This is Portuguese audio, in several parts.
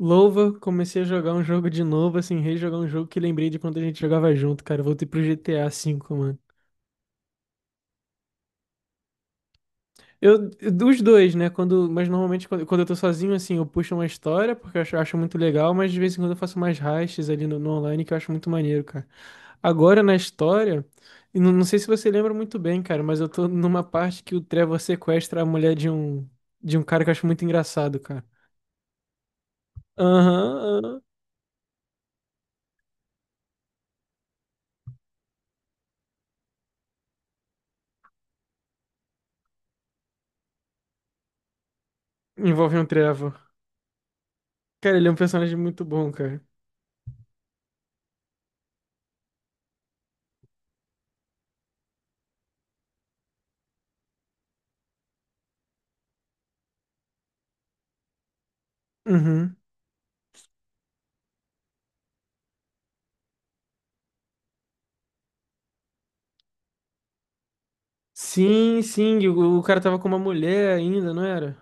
Louva, comecei a jogar um jogo de novo, assim, rejogar um jogo que lembrei de quando a gente jogava junto, cara. Voltei pro GTA V, mano. Eu, dos dois, né? Mas normalmente quando eu tô sozinho, assim, eu puxo uma história, porque eu acho muito legal, mas de vez em quando eu faço mais heists ali no online, que eu acho muito maneiro, cara. Agora na história, e não sei se você lembra muito bem, cara, mas eu tô numa parte que o Trevor sequestra a mulher de um cara que eu acho muito engraçado, cara. Aham, aham. Envolve um Trevor. Cara, ele é um personagem muito bom, cara. Uhum. Sim, sim, e o cara tava com uma mulher ainda, não era?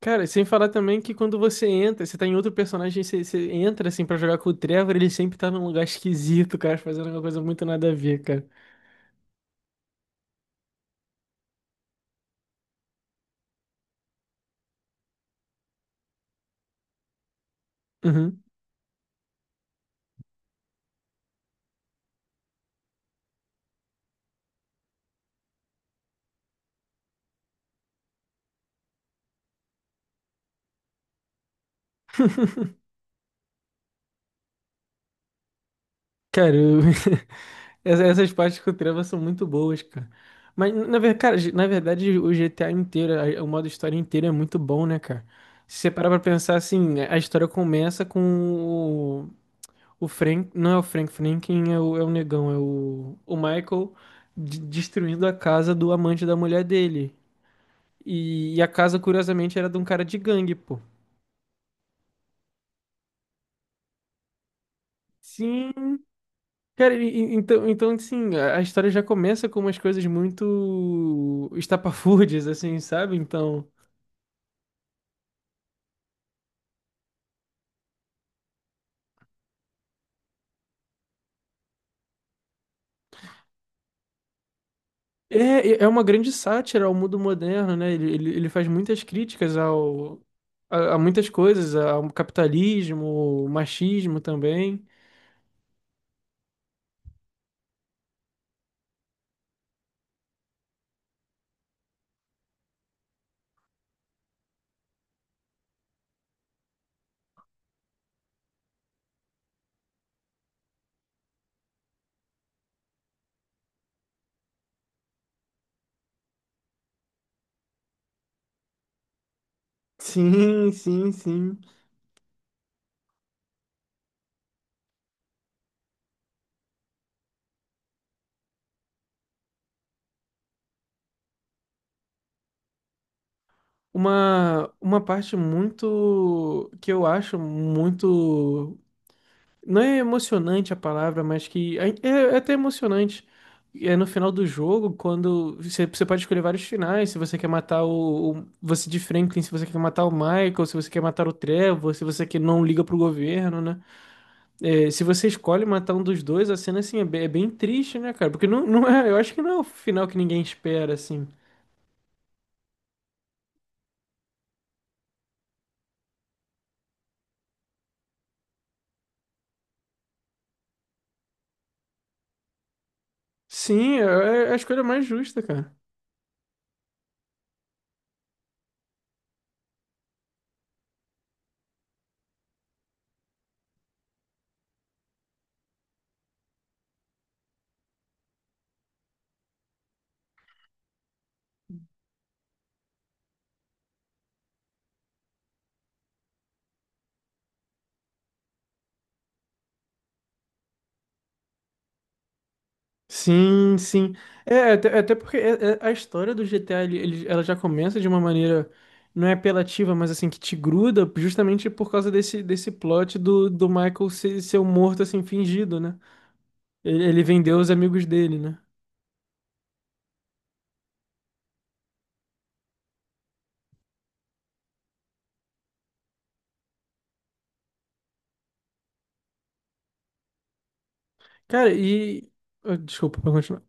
Cara, sem falar também que quando você entra, você tá em outro personagem, você entra assim pra jogar com o Trevor, ele sempre tá num lugar esquisito, cara, fazendo uma coisa muito nada a ver, cara. Uhum. Cara, essas partes com o Trevor são muito boas, cara. Mas, na verdade, cara, o GTA inteiro, o modo história inteiro é muito bom, né, cara? Se você parar pra pensar assim, a história começa com o Frank, não é o Frank Franklin, é o negão, é o Michael destruindo a casa do amante da mulher dele. E a casa, curiosamente, era de um cara de gangue, pô. Sim, cara, então, assim, a história já começa com umas coisas muito estapafúrdias, assim, sabe? Então, é, é uma grande sátira ao mundo moderno, né? Ele faz muitas críticas a muitas coisas, ao capitalismo, machismo também. Sim, sim, sim. Uma parte muito que eu acho muito. Não é emocionante a palavra, mas que é até emocionante. É no final do jogo, quando você pode escolher vários finais, se você quer matar o você de Franklin, se você quer matar o Michael, se você quer matar o Trevor, se você que não liga pro governo, né? É, se você escolhe matar um dos dois, a cena assim é bem triste, né, cara? Porque não é, eu acho que não é o final que ninguém espera, assim. Sim, é a escolha mais justa, cara. Sim, sim. É, até porque a história do GTA, ela já começa de uma maneira, não é apelativa, mas assim, que te gruda, justamente por causa desse plot do Michael ser um morto, assim, fingido, né? Ele vendeu os amigos dele, né? Cara, ah, desculpa, pra continuar.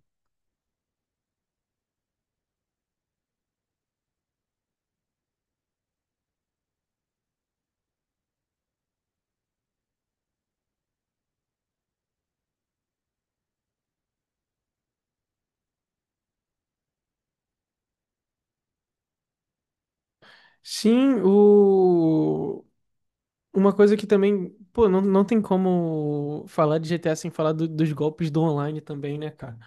Sim. Uma coisa que também, pô, não tem como falar de GTA sem falar dos golpes do online também, né, cara?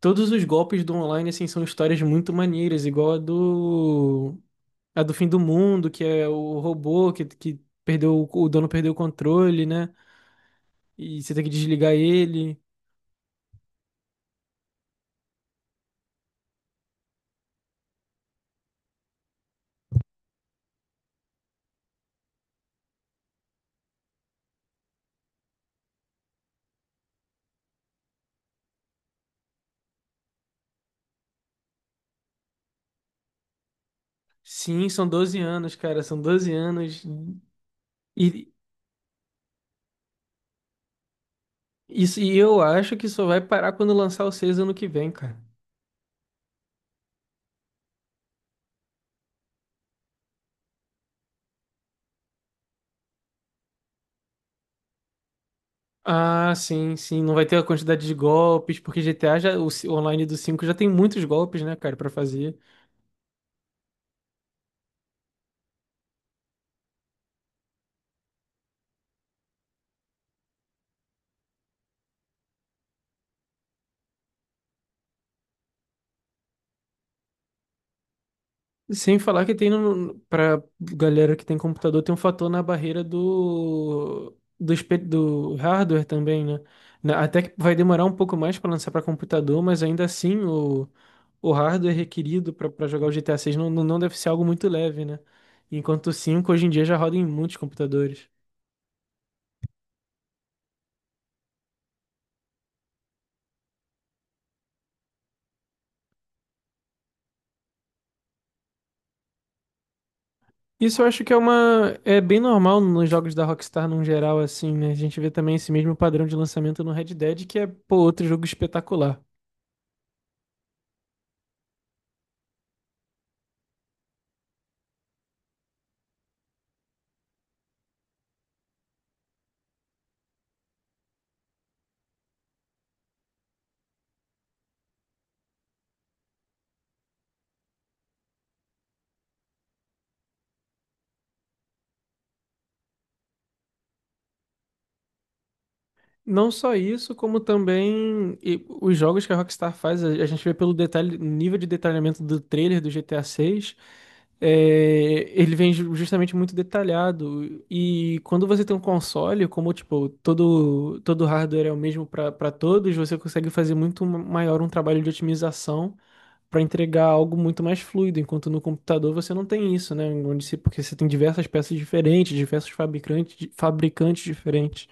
Todos os golpes do online, assim, são histórias muito maneiras, igual a do. A do fim do mundo, que é o robô que perdeu. O dono perdeu o controle, né? E você tem que desligar ele. Sim, são 12 anos, cara, são 12 anos. E isso, e eu acho que só vai parar quando lançar o seis ano que vem, cara. Ah, sim, sim, não vai ter a quantidade de golpes, porque GTA já, o online do cinco já tem muitos golpes, né, cara, pra fazer. Sem falar que tem no, pra galera que tem computador, tem um fator na barreira do hardware também, né? Até que vai demorar um pouco mais para lançar para computador, mas ainda assim o hardware requerido para jogar o GTA 6 não deve ser algo muito leve, né? Enquanto o cinco hoje em dia já roda em muitos computadores. Isso eu acho que é uma é bem normal nos jogos da Rockstar num geral assim, né? A gente vê também esse mesmo padrão de lançamento no Red Dead, que é, pô, outro jogo espetacular. Não só isso, como também e os jogos que a Rockstar faz, a gente vê pelo detalhe, nível de detalhamento do trailer do GTA 6, ele vem justamente muito detalhado. E quando você tem um console, como tipo, todo hardware é o mesmo para todos, você consegue fazer muito maior um trabalho de otimização para entregar algo muito mais fluido, enquanto no computador você não tem isso, né? Onde se- Porque você tem diversas peças diferentes, diversos fabricantes, diferentes.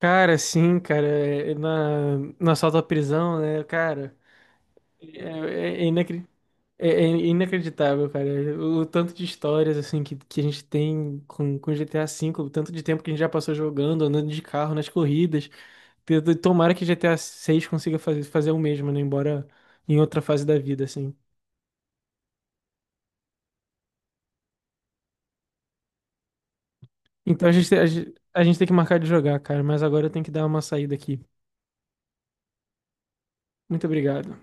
Cara, sim, cara, é no assalto à prisão, né, cara, é, é, é inacre- é inacreditável, cara, o tanto de histórias, assim, que a gente tem com GTA V, o tanto de tempo que a gente já passou jogando, andando de carro, nas corridas. Tomara que GTA seis consiga fazer o mesmo, né, embora em outra fase da vida, assim. Então a gente, te- a gente tem que marcar de jogar, cara, mas agora eu tenho que dar uma saída aqui. Muito obrigado.